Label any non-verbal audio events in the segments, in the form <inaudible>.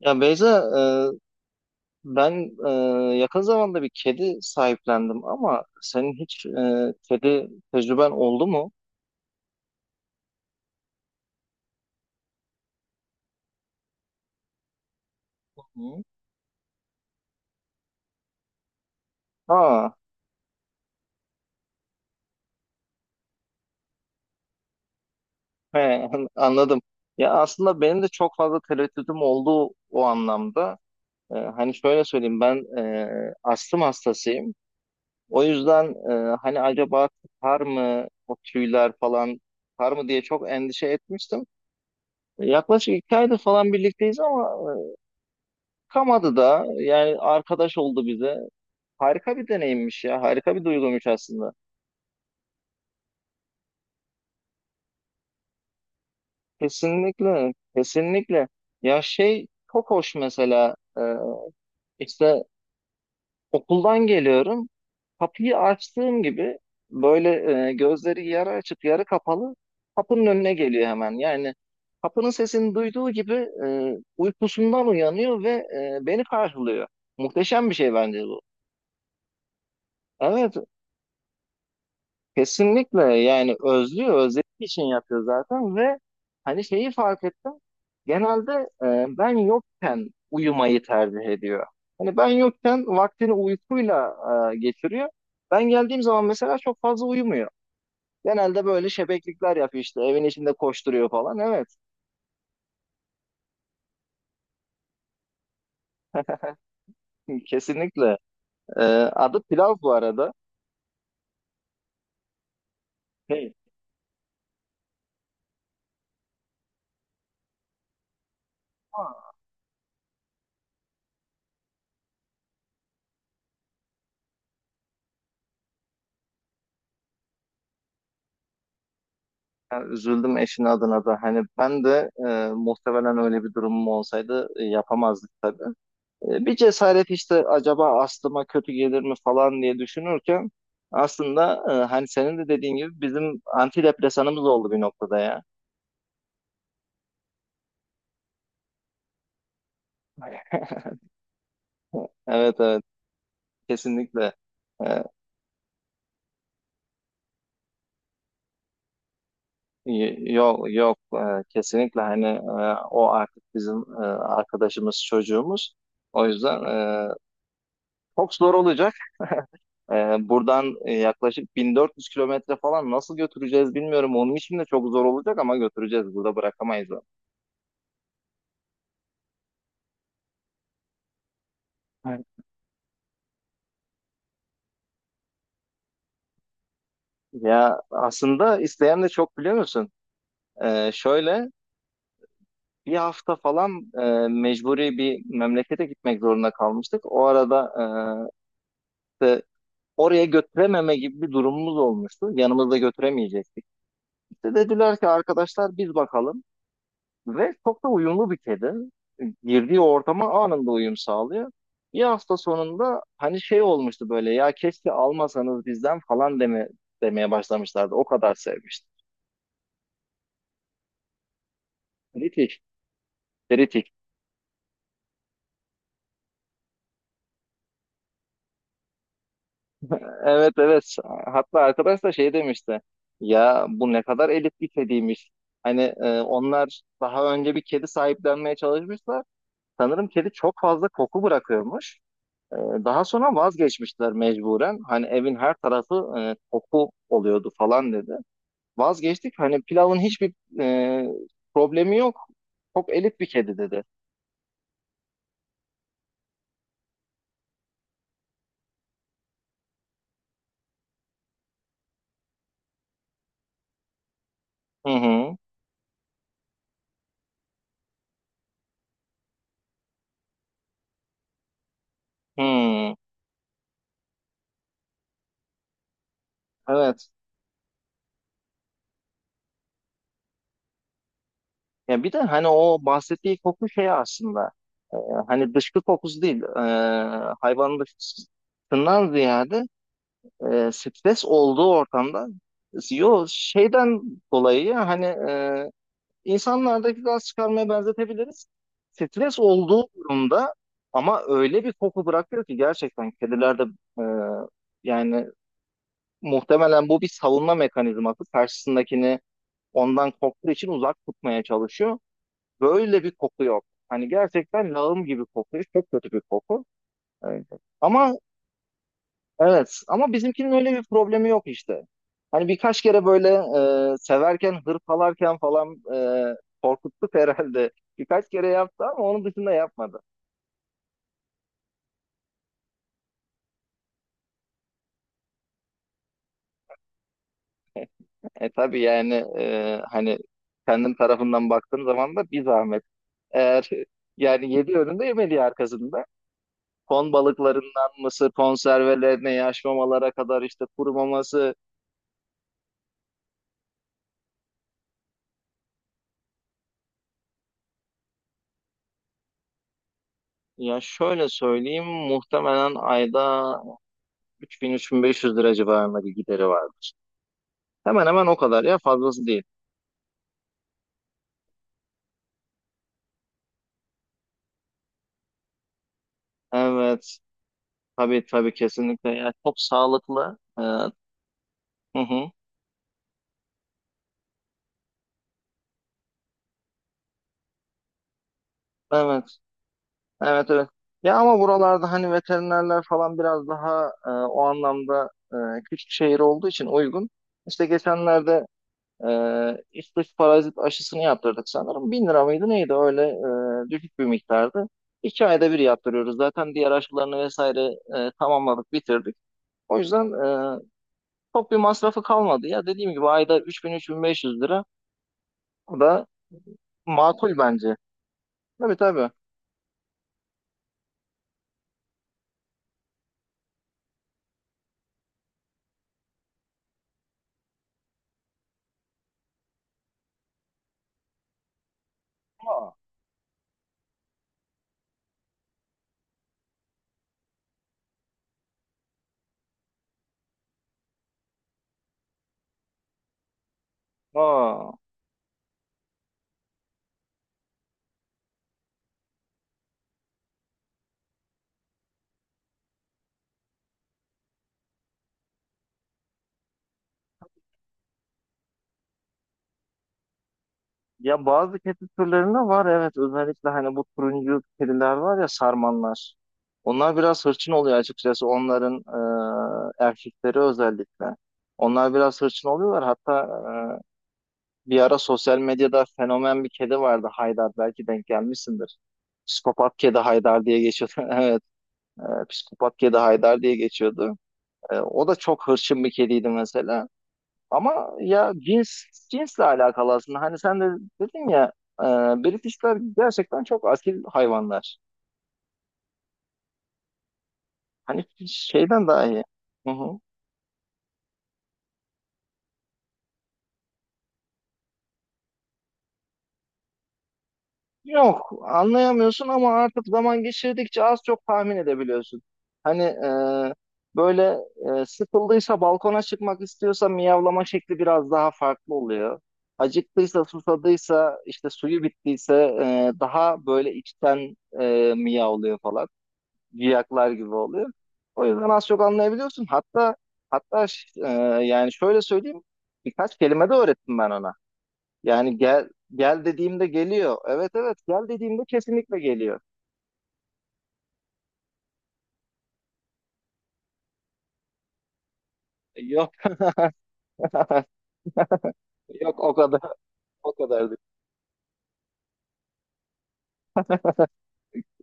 Ya Beyza, e, ben yakın zamanda bir kedi sahiplendim ama senin hiç kedi tecrüben oldu mu? Hı. Ha, he, <laughs> anladım. Ya aslında benim de çok fazla tereddütüm oldu o anlamda. Hani şöyle söyleyeyim, ben astım hastasıyım. O yüzden hani acaba tutar mı o tüyler falan tutar mı diye çok endişe etmiştim. Yaklaşık 2 aydır falan birlikteyiz ama e, kamadı da yani arkadaş oldu bize. Harika bir deneyimmiş ya. Harika bir duyguymuş aslında. Kesinlikle. Kesinlikle. Ya şey, çok hoş mesela işte okuldan geliyorum. Kapıyı açtığım gibi böyle gözleri yarı açık yarı kapalı kapının önüne geliyor hemen. Yani kapının sesini duyduğu gibi uykusundan uyanıyor ve beni karşılıyor. Muhteşem bir şey bence bu. Evet. Kesinlikle, yani özlüyor, özlediği için yapıyor zaten ve hani şeyi fark ettim. Genelde ben yokken uyumayı tercih ediyor. Hani ben yokken vaktini uykuyla geçiriyor. Ben geldiğim zaman mesela çok fazla uyumuyor. Genelde böyle şebeklikler yapıyor, işte evin içinde koşturuyor falan. Evet, <laughs> kesinlikle. E, adı Pilav bu arada. Hey. Yani üzüldüm eşin adına da. Hani ben de muhtemelen öyle bir durumum olsaydı yapamazdık tabii. Bir cesaret işte, acaba aslıma kötü gelir mi falan diye düşünürken aslında hani senin de dediğin gibi bizim antidepresanımız oldu bir noktada ya. <laughs> Evet, evet, kesinlikle. Ee, y- yok, yok. Kesinlikle hani o artık bizim arkadaşımız, çocuğumuz. O yüzden çok zor olacak. E, buradan yaklaşık 1400 kilometre falan nasıl götüreceğiz bilmiyorum. Onun için de çok zor olacak ama götüreceğiz. Burada bırakamayız onu. Ya aslında isteyen de çok, biliyor musun? Şöyle bir hafta falan mecburi bir memlekete gitmek zorunda kalmıştık. O arada işte oraya götürememe gibi bir durumumuz olmuştu. Yanımızda götüremeyecektik. İşte dediler ki, arkadaşlar biz bakalım. Ve çok da uyumlu bir kedi. Girdiği ortama anında uyum sağlıyor. Bir hafta sonunda hani şey olmuştu böyle, ya keşke almasanız bizden falan demeye başlamışlardı. O kadar sevmişti. Kritik, kritik. Evet, evet. Hatta arkadaş da şey demişti. Ya bu ne kadar elit bir kediymiş. Hani onlar daha önce bir kedi sahiplenmeye çalışmışlar. Sanırım kedi çok fazla koku bırakıyormuş. E, daha sonra vazgeçmişler mecburen. Hani evin her tarafı koku oluyordu falan dedi. Vazgeçtik. Hani pilavın hiçbir e, problemi yok. Çok elit bir kedi dedi. Hı hı. Hı. Evet. Ya bir de hani o bahsettiği koku şey aslında, e, hani dışkı kokusu değil, hayvanın dışkısından ziyade stres olduğu ortamda, yo şeyden dolayı ya, hani insanlardaki gaz çıkarmaya benzetebiliriz. Stres olduğu durumda ama öyle bir koku bırakıyor ki, gerçekten kedilerde e, yani muhtemelen bu bir savunma mekanizması, karşısındakini ondan korktuğu için uzak tutmaya çalışıyor. Böyle bir koku yok. Hani gerçekten lağım gibi kokuyor. Çok kötü bir koku. Evet. Ama evet, ama bizimkinin öyle bir problemi yok işte. Hani birkaç kere böyle severken, hırpalarken falan e, korkuttuk <laughs> herhalde. Birkaç kere yaptı ama onun dışında yapmadı. Tabii yani, hani kendim tarafından baktığım zaman da bir zahmet. Eğer <laughs> yani, yedi önünde yemediği arkasında. Ton balıklarından mısır konservelerine, yaş mamalara kadar, işte kurumaması. Ya şöyle söyleyeyim, muhtemelen ayda 3000-3500 lira civarında bir gideri vardır. Hemen hemen o kadar ya, fazlası değil. Evet, tabii, tabii, kesinlikle. Ya çok sağlıklı. Evet. Hı hı. Evet. Evet, evet. Ya ama buralarda hani veterinerler falan biraz daha o anlamda, küçük şehir olduğu için uygun. İşte geçenlerde üst üste parazit aşısını yaptırdık sanırım. 1000 lira mıydı neydi öyle, düşük bir miktardı. 2 ayda bir yaptırıyoruz. Zaten diğer aşılarını vesaire tamamladık, bitirdik. O yüzden e, çok bir masrafı kalmadı. Ya dediğim gibi ayda 3000-3500 lira. Bu da makul bence. Tabii, tabii. Aa, aa. Ya bazı kedi türlerinde var, evet, özellikle hani bu turuncu kediler var ya, sarmanlar. Onlar biraz hırçın oluyor açıkçası, onların erkekleri özellikle. Onlar biraz hırçın oluyorlar. Hatta bir ara sosyal medyada fenomen bir kedi vardı, Haydar, belki denk gelmişsindir. Psikopat kedi Haydar diye geçiyordu. <laughs> Evet, psikopat kedi Haydar diye geçiyordu. O da çok hırçın bir kediydi mesela. Ama ya cinsle alakalı aslında. Hani sen de dedin ya, e, Britishler gerçekten çok asil hayvanlar. Hani şeyden daha iyi. Hı hı. Yok, anlayamıyorsun ama artık zaman geçirdikçe az çok tahmin edebiliyorsun. Hani böyle, sıkıldıysa, balkona çıkmak istiyorsa miyavlama şekli biraz daha farklı oluyor. Acıktıysa, susadıysa, işte suyu bittiyse daha böyle içten miyavlıyor falan. Ciyaklar gibi oluyor. O yüzden az çok anlayabiliyorsun. Hatta yani şöyle söyleyeyim, birkaç kelime de öğrettim ben ona. Yani gel gel dediğimde geliyor. Evet, evet, gel dediğimde kesinlikle geliyor. Yok <laughs> yok, o kadardı.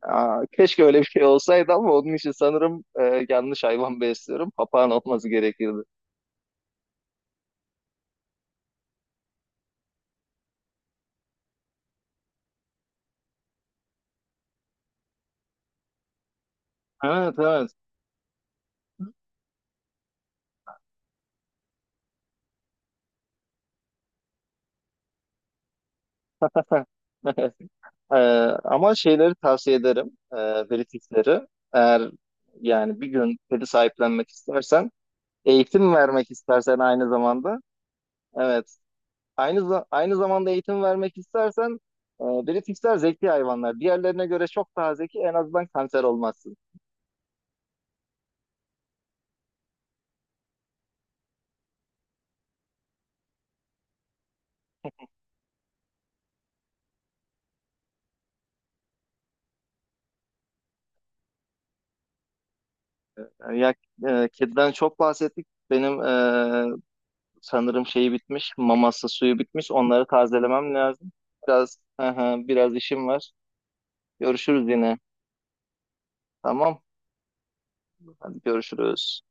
Aa, keşke öyle bir şey olsaydı ama onun için sanırım yanlış hayvan besliyorum. Papağan olması gerekirdi. Evet, evet. <laughs> Ee, ama şeyleri tavsiye ederim. Pelifixleri. Eğer yani bir gün pedi sahiplenmek istersen, eğitim vermek istersen aynı zamanda. Evet. Aynı zamanda eğitim vermek istersen, pelifixler zeki hayvanlar. Diğerlerine göre çok daha zeki. En azından kanser olmazsın. Yani ya, kediden çok bahsettik. Benim sanırım şeyi bitmiş. Maması, suyu bitmiş. Onları tazelemem lazım. Biraz <laughs> biraz işim var. Görüşürüz yine. Tamam. Hadi, görüşürüz.